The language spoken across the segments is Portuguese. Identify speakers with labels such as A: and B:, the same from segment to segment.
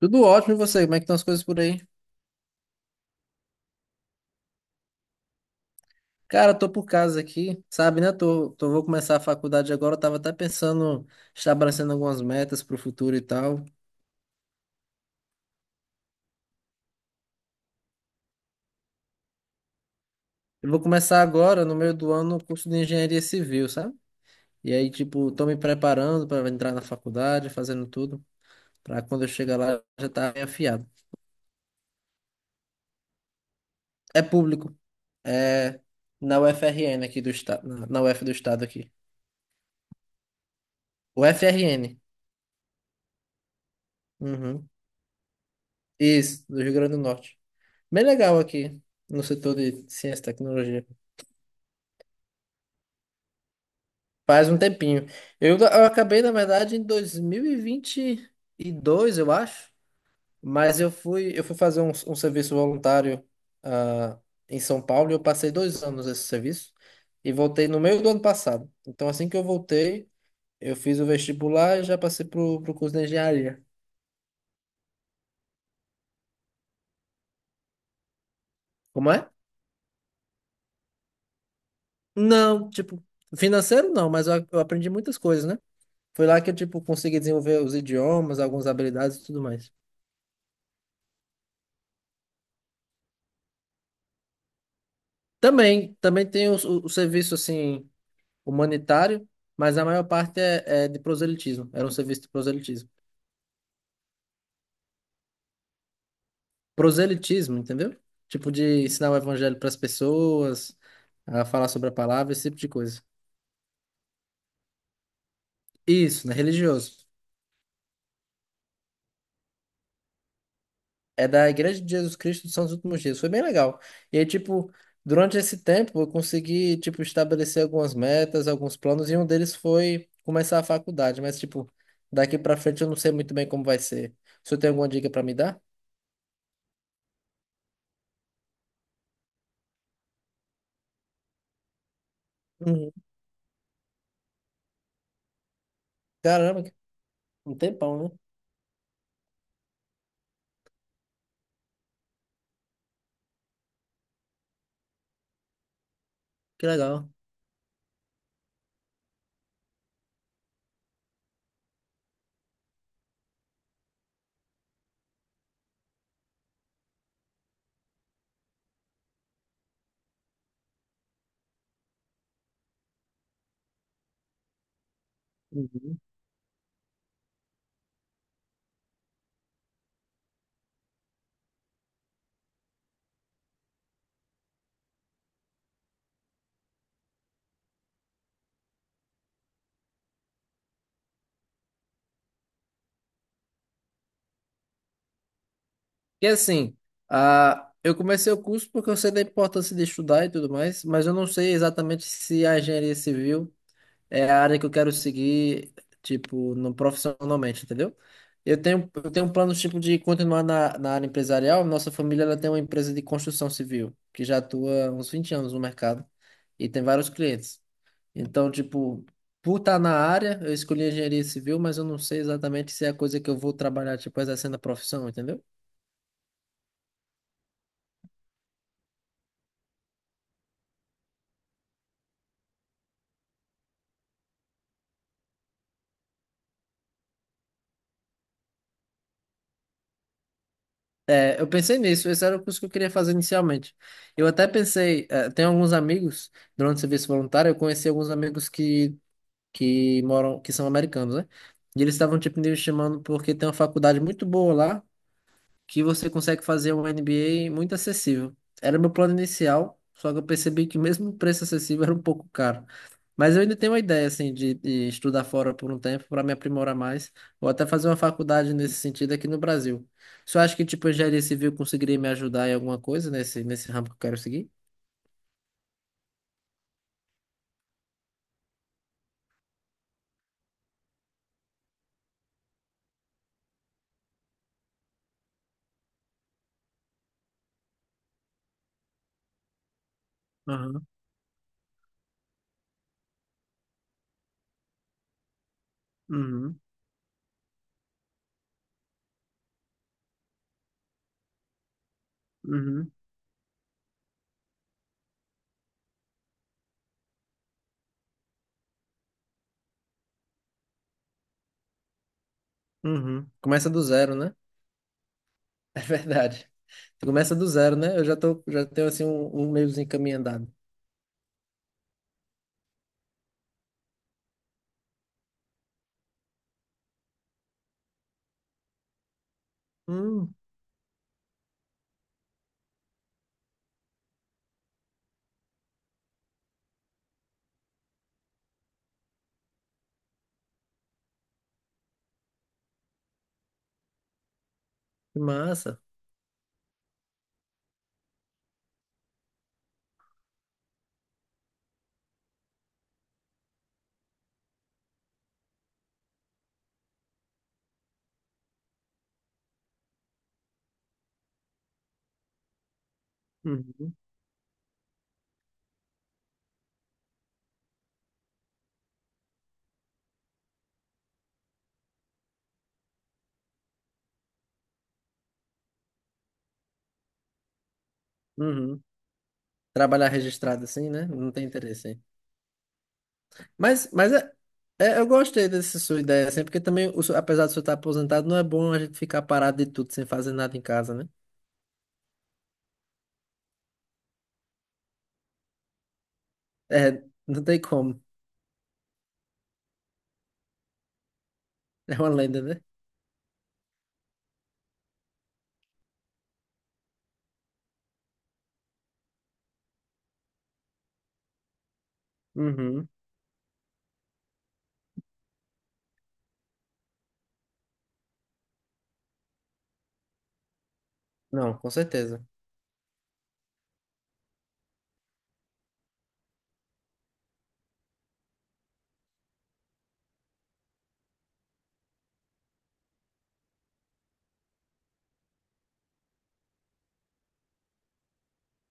A: Tudo ótimo, e você? Como é que estão as coisas por aí? Cara, tô por casa aqui, sabe, né? Tô, vou começar a faculdade agora. Eu tava até pensando, estabelecendo algumas metas pro futuro e tal. Eu vou começar agora, no meio do ano, o curso de engenharia civil, sabe? E aí, tipo, tô me preparando para entrar na faculdade, fazendo tudo, pra quando eu chegar lá já tá bem afiado. É público, é na UFRN aqui do estado, na UF do estado aqui. UFRN. Uhum. Isso, do Rio Grande do Norte. Bem legal aqui no setor de ciência e tecnologia. Faz um tempinho. Eu acabei, na verdade, em 2022, eu acho, mas eu fui fazer um serviço voluntário, ah, em São Paulo e eu passei 2 anos nesse serviço e voltei no meio do ano passado. Então, assim que eu voltei, eu fiz o vestibular e já passei pro curso de engenharia. Como é? Não, tipo, financeiro não, mas eu aprendi muitas coisas, né? Foi lá que eu, tipo, consegui desenvolver os idiomas, algumas habilidades e tudo mais. Também tem o serviço, assim, humanitário, mas a maior parte é, é de proselitismo. Era um serviço de proselitismo. Proselitismo, entendeu? Tipo, de ensinar o evangelho para as pessoas, a falar sobre a palavra, esse tipo de coisa. Isso, né? Religioso. É da Igreja de Jesus Cristo dos Santos dos Últimos Dias. Foi bem legal. E aí, tipo, durante esse tempo eu consegui, tipo, estabelecer algumas metas, alguns planos, e um deles foi começar a faculdade. Mas, tipo, daqui pra frente eu não sei muito bem como vai ser. O senhor tem alguma dica pra me dar? Uhum. Caramba, que- Um tempão, né? Que legal. Uhum. E assim, eu comecei o curso porque eu sei da importância de estudar e tudo mais, mas eu não sei exatamente se a engenharia civil é a área que eu quero seguir, tipo, no, profissionalmente, entendeu? Eu tenho um plano, tipo, de continuar na, na área empresarial. Nossa família, ela tem uma empresa de construção civil, que já atua há uns 20 anos no mercado e tem vários clientes. Então, tipo, por estar na área, eu escolhi engenharia civil, mas eu não sei exatamente se é a coisa que eu vou trabalhar, tipo, exercendo a profissão, entendeu? É, eu pensei nisso, esse era o curso que eu queria fazer inicialmente. Eu até pensei, tem alguns amigos, durante o serviço voluntário, eu conheci alguns amigos que moram, que são americanos, né? E eles estavam, tipo, me chamando porque tem uma faculdade muito boa lá, que você consegue fazer um NBA muito acessível. Era meu plano inicial, só que eu percebi que mesmo o preço acessível era um pouco caro. Mas eu ainda tenho uma ideia assim de estudar fora por um tempo para me aprimorar mais, ou até fazer uma faculdade nesse sentido aqui no Brasil. Você acha que tipo engenharia civil conseguiria me ajudar em alguma coisa nesse ramo que eu quero seguir? Aham, uhum, uhum, uhum. Começa do zero, né? É verdade. Começa do zero, né? Eu já tô, já tenho assim um, um meiozinho caminho andado. Hum, que massa. Uhum. Uhum. Trabalhar registrado assim, né? Não tem interesse, hein? Mas é, é- eu gostei dessa sua ideia, assim, porque também, o seu- apesar de você estar aposentado, não é bom a gente ficar parado de tudo sem fazer nada em casa, né? É, não tem como. É uma lenda, né? Uhum. Não, com certeza.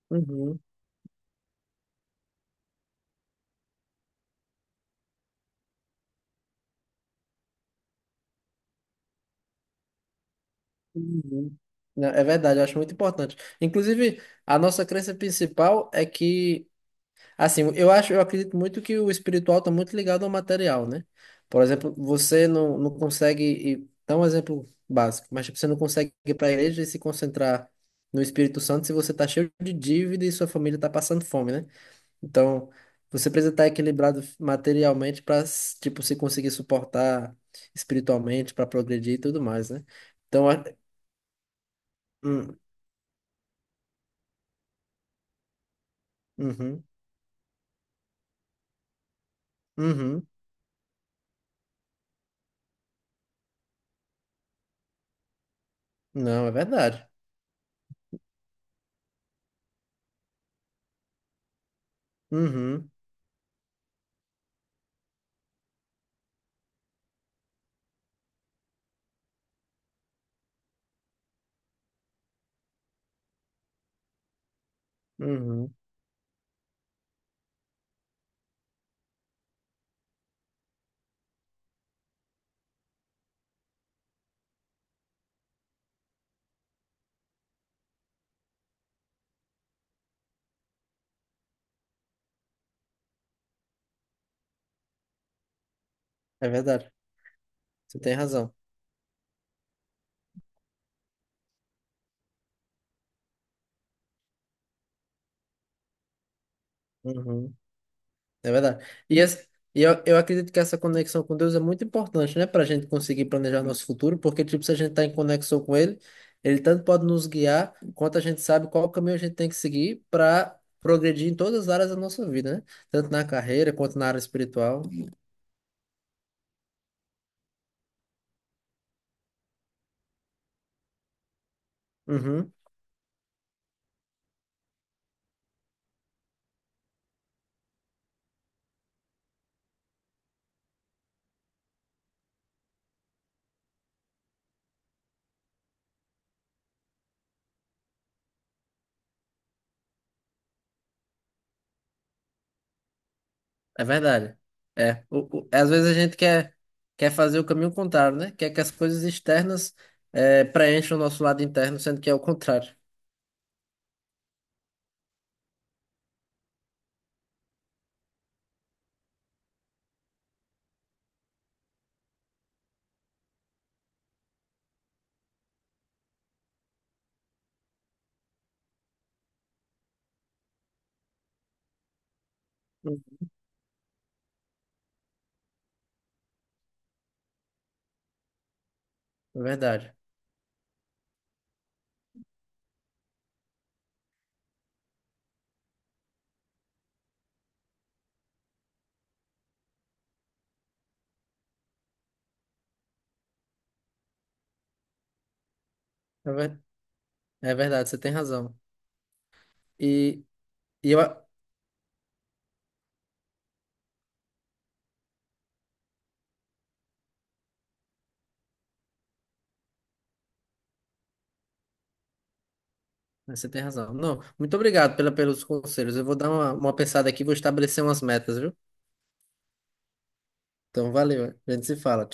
A: Uhum. Uhum. Não, é verdade, eu acho muito importante. Inclusive, a nossa crença principal é que assim, eu acho, eu acredito muito que o espiritual está muito ligado ao material, né? Por exemplo, você não, não consegue, ir- dá um exemplo básico, mas tipo, você não consegue ir para a igreja e se concentrar no Espírito Santo se você está cheio de dívida e sua família está passando fome, né? Então, você precisa estar equilibrado materialmente para, tipo, se conseguir suportar espiritualmente, para progredir e tudo mais, né? Então, a- hum, uhum, uhum, não, é verdade. Uhum, uhum, é verdade. Você tem razão. Uhum, é verdade. E, essa- eu acredito que essa conexão com Deus é muito importante, né, para a gente conseguir planejar nosso futuro, porque, tipo, se a gente está em conexão com Ele, Ele tanto pode nos guiar, quanto a gente sabe qual caminho a gente tem que seguir para progredir em todas as áreas da nossa vida, né? Tanto na carreira quanto na área espiritual. Uhum. É verdade. É. Às vezes a gente quer, quer fazer o caminho contrário, né? Quer que as coisas externas preencham o nosso lado interno, sendo que é o contrário. Hum, É verdade. É, ver- é verdade, você tem razão. E, e eu. a- Você tem razão. Não, muito obrigado pelos conselhos. Eu vou dar uma pensada aqui, vou estabelecer umas metas, viu? Então, valeu. A gente se fala.